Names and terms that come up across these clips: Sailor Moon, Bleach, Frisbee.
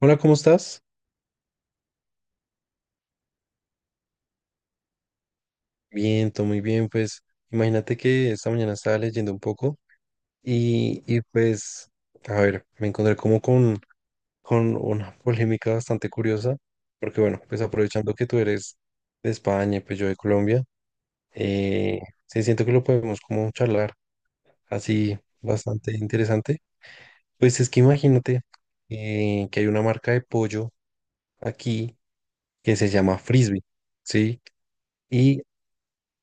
Hola, ¿cómo estás? Bien, todo muy bien. Pues imagínate que esta mañana estaba leyendo un poco y pues, a ver, me encontré como con una polémica bastante curiosa, porque bueno, pues aprovechando que tú eres de España y pues yo de Colombia, eh, sí siento que lo podemos como charlar así bastante interesante. Pues es que imagínate que hay una marca de pollo aquí que se llama Frisbee, ¿sí?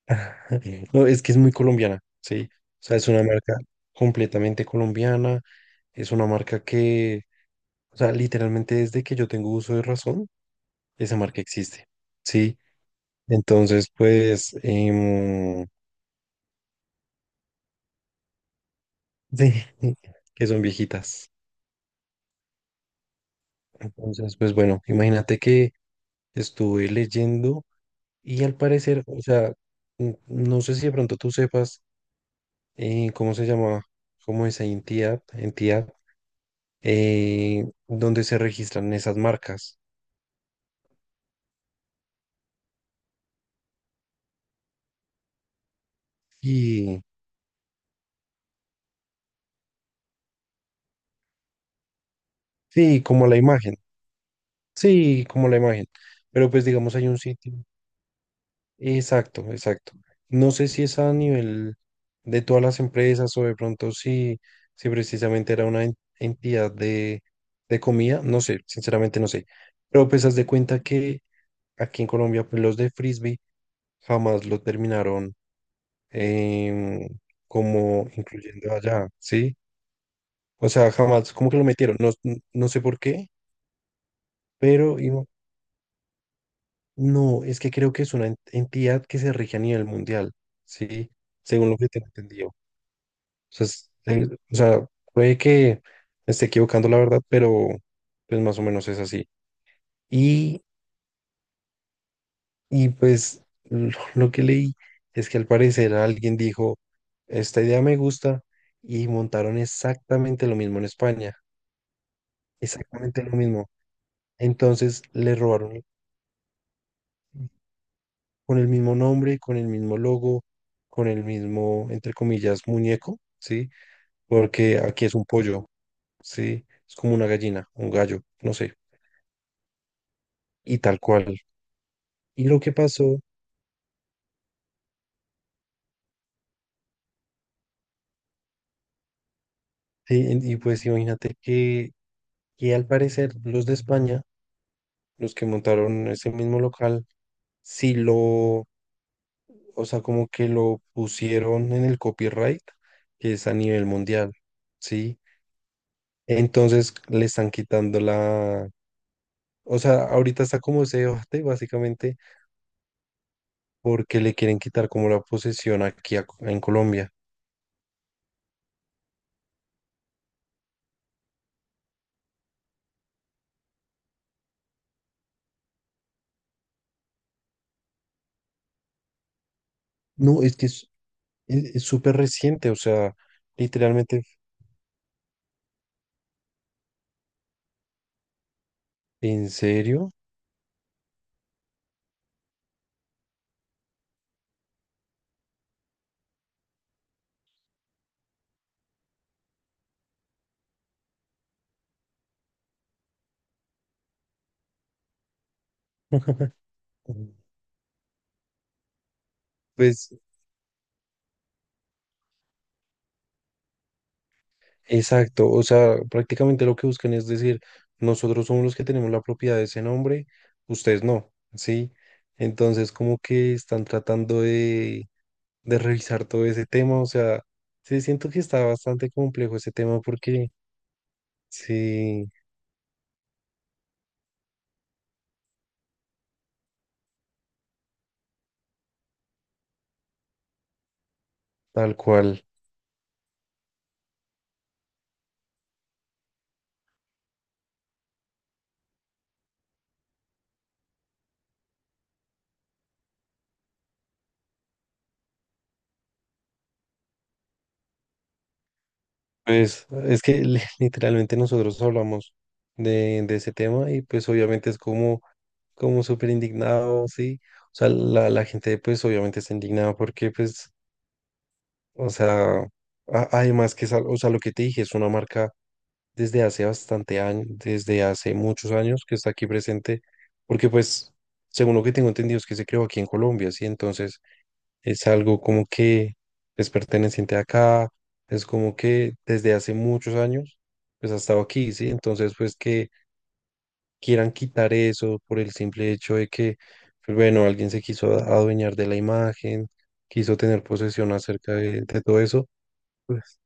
No, es que es muy colombiana, sí. O sea, es una marca completamente colombiana. Es una marca que, o sea, literalmente desde que yo tengo uso de razón, esa marca existe, sí. Entonces, pues, sí, que son viejitas. Entonces, pues bueno, imagínate que estuve leyendo y al parecer, o sea, no sé si de pronto tú sepas cómo se llama, cómo esa entidad donde se registran esas marcas. Y sí, sí, como la imagen. Pero pues digamos hay un sitio. Exacto, exacto. No sé si es a nivel de todas las empresas o de pronto si precisamente era una entidad de comida, no sé, sinceramente no sé. Pero pues haz de cuenta que aquí en Colombia pues, los de frisbee jamás lo terminaron em, como incluyendo allá, ¿sí? O sea, jamás como que lo metieron, no, no sé por qué, pero y no, no, es que creo que es una entidad que se rige a nivel mundial, ¿sí? Según lo que tengo entendido. O sea, o sea, puede que me esté equivocando la verdad, pero pues más o menos es así. Y, y pues lo que leí es que al parecer alguien dijo, esta idea me gusta, y montaron exactamente lo mismo en España, exactamente lo mismo. Entonces le robaron. Con el mismo nombre, con el mismo logo, con el mismo, entre comillas, muñeco, ¿sí? Porque aquí es un pollo, ¿sí? Es como una gallina, un gallo, no sé, y tal cual. Y lo que pasó, sí, y pues imagínate que al parecer los de España, los que montaron ese mismo local, sí lo, o sea, como que lo pusieron en el copyright, que es a nivel mundial, ¿sí? Entonces le están quitando. O sea, ahorita está como ese debate básicamente porque le quieren quitar como la posesión aquí en Colombia. No, es que es súper reciente, o sea, literalmente, ¿en serio? Pues exacto, o sea, prácticamente lo que buscan es decir, nosotros somos los que tenemos la propiedad de ese nombre, ustedes no, ¿sí? Entonces como que están tratando de revisar todo ese tema, o sea, sí, siento que está bastante complejo ese tema porque... Sí, tal cual. Pues es que literalmente nosotros hablamos de ese tema y pues obviamente es como, como súper indignado, sí. O sea, la gente pues obviamente está indignada porque pues, o sea, además que es, o sea, lo que te dije es una marca desde hace bastante años, desde hace muchos años que está aquí presente, porque pues, según lo que tengo entendido es que se creó aquí en Colombia, sí. Entonces, es algo como que es perteneciente acá, es como que desde hace muchos años, pues ha estado aquí, ¿sí? Entonces, pues que quieran quitar eso por el simple hecho de que, pues bueno, alguien se quiso adueñar de la imagen, quiso tener posesión acerca de todo eso, pues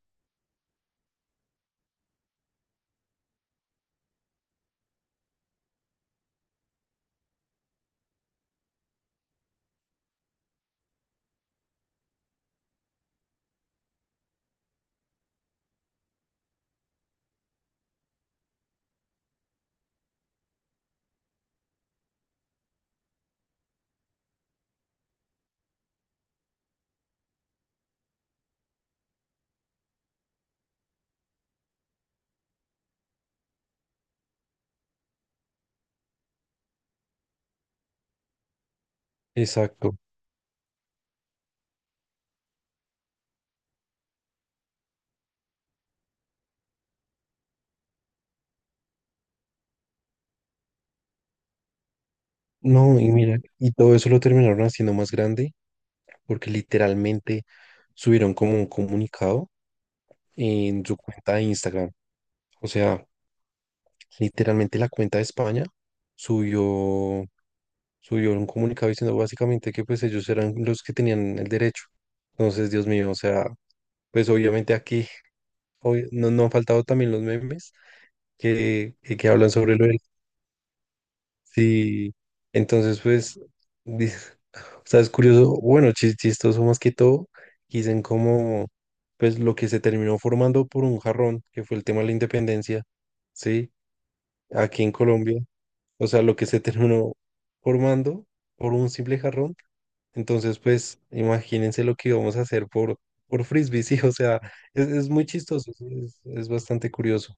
exacto. No, y mira, y todo eso lo terminaron haciendo más grande porque literalmente subieron como un comunicado en su cuenta de Instagram. O sea, literalmente la cuenta de España subió, subió un comunicado diciendo básicamente que pues ellos eran los que tenían el derecho. Entonces, Dios mío, o sea, pues obviamente aquí no, no han faltado también los memes que hablan sobre lo del... Sí, entonces pues, di- o sea, es curioso, bueno, chistoso más que todo, dicen como pues lo que se terminó formando por un jarrón, que fue el tema de la independencia, ¿sí? Aquí en Colombia. O sea, lo que se terminó formando por un simple jarrón. Entonces, pues, imagínense lo que íbamos a hacer por frisbee, sí, o sea, es muy chistoso, sí, es bastante curioso.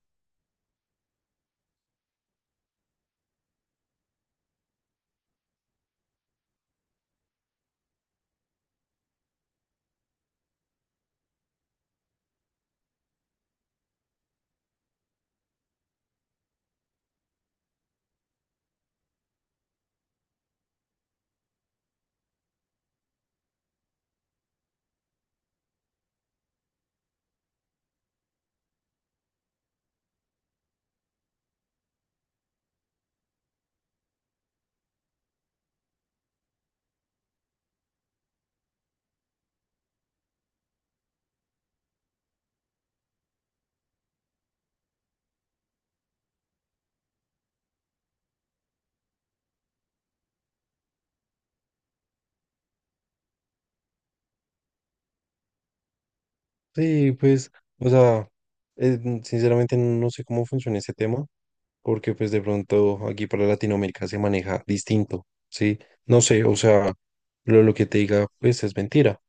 Sí, pues, o sea, sinceramente no sé cómo funciona ese tema, porque pues de pronto aquí para Latinoamérica se maneja distinto, sí, no sé, o sea, lo que te diga, pues, es mentira.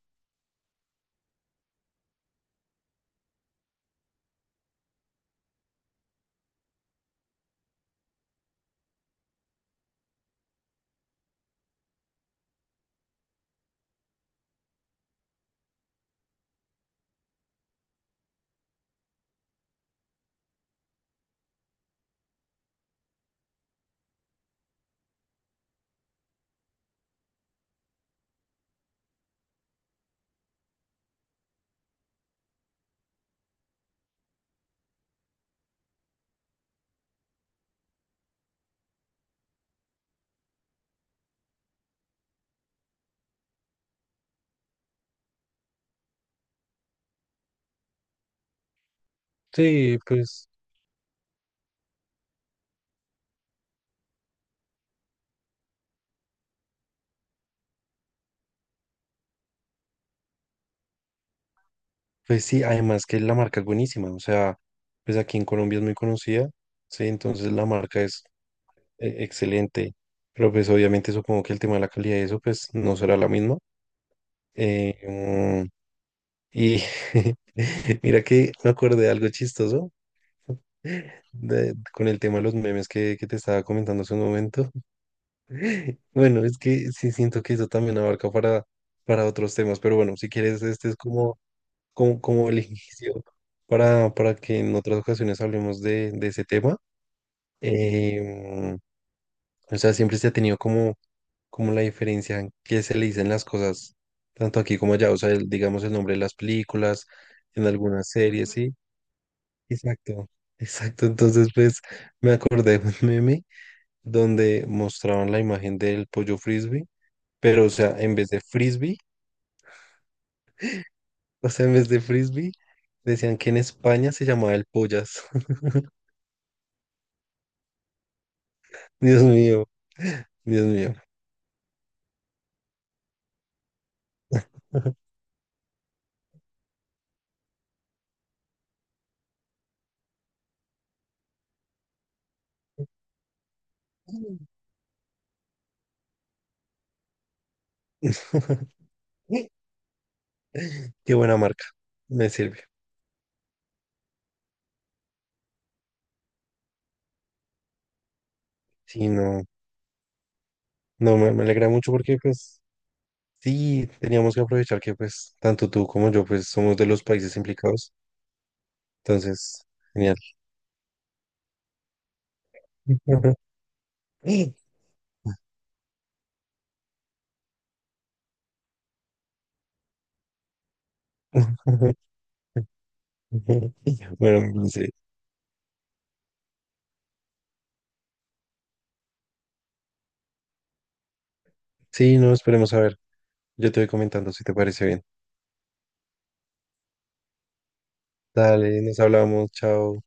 Sí, pues. Pues sí, además que la marca es buenísima, o sea, pues aquí en Colombia es muy conocida, sí, entonces la marca es excelente, pero pues obviamente supongo que el tema de la calidad de eso pues no será la misma. Eh, mm, y mira que me acordé de algo chistoso con el tema de los memes que te estaba comentando hace un momento. Bueno, es que sí siento que eso también abarca para otros temas, pero bueno, si quieres, este es como el inicio para que en otras ocasiones hablemos de ese tema. Em, o sea, siempre se ha tenido como, como la diferencia en qué se le dicen las cosas, tanto aquí como allá. O sea, el- digamos el nombre de las películas, en algunas series, ¿sí? Exacto, exacto. Entonces, pues me acordé de un meme donde mostraban la imagen del pollo frisbee, pero o sea, en vez de frisbee, o sea, en vez de frisbee, decían que en España se llamaba el pollas. Dios mío. Dios mío. Qué buena marca. Me sirve. Sí, no, no, me alegra mucho porque pues sí, teníamos que aprovechar que pues tanto tú como yo pues somos de los países implicados. Entonces, genial. Bueno, sí. Sí, no, esperemos a ver. Yo te voy comentando si te parece bien. Dale, nos hablamos. Chao.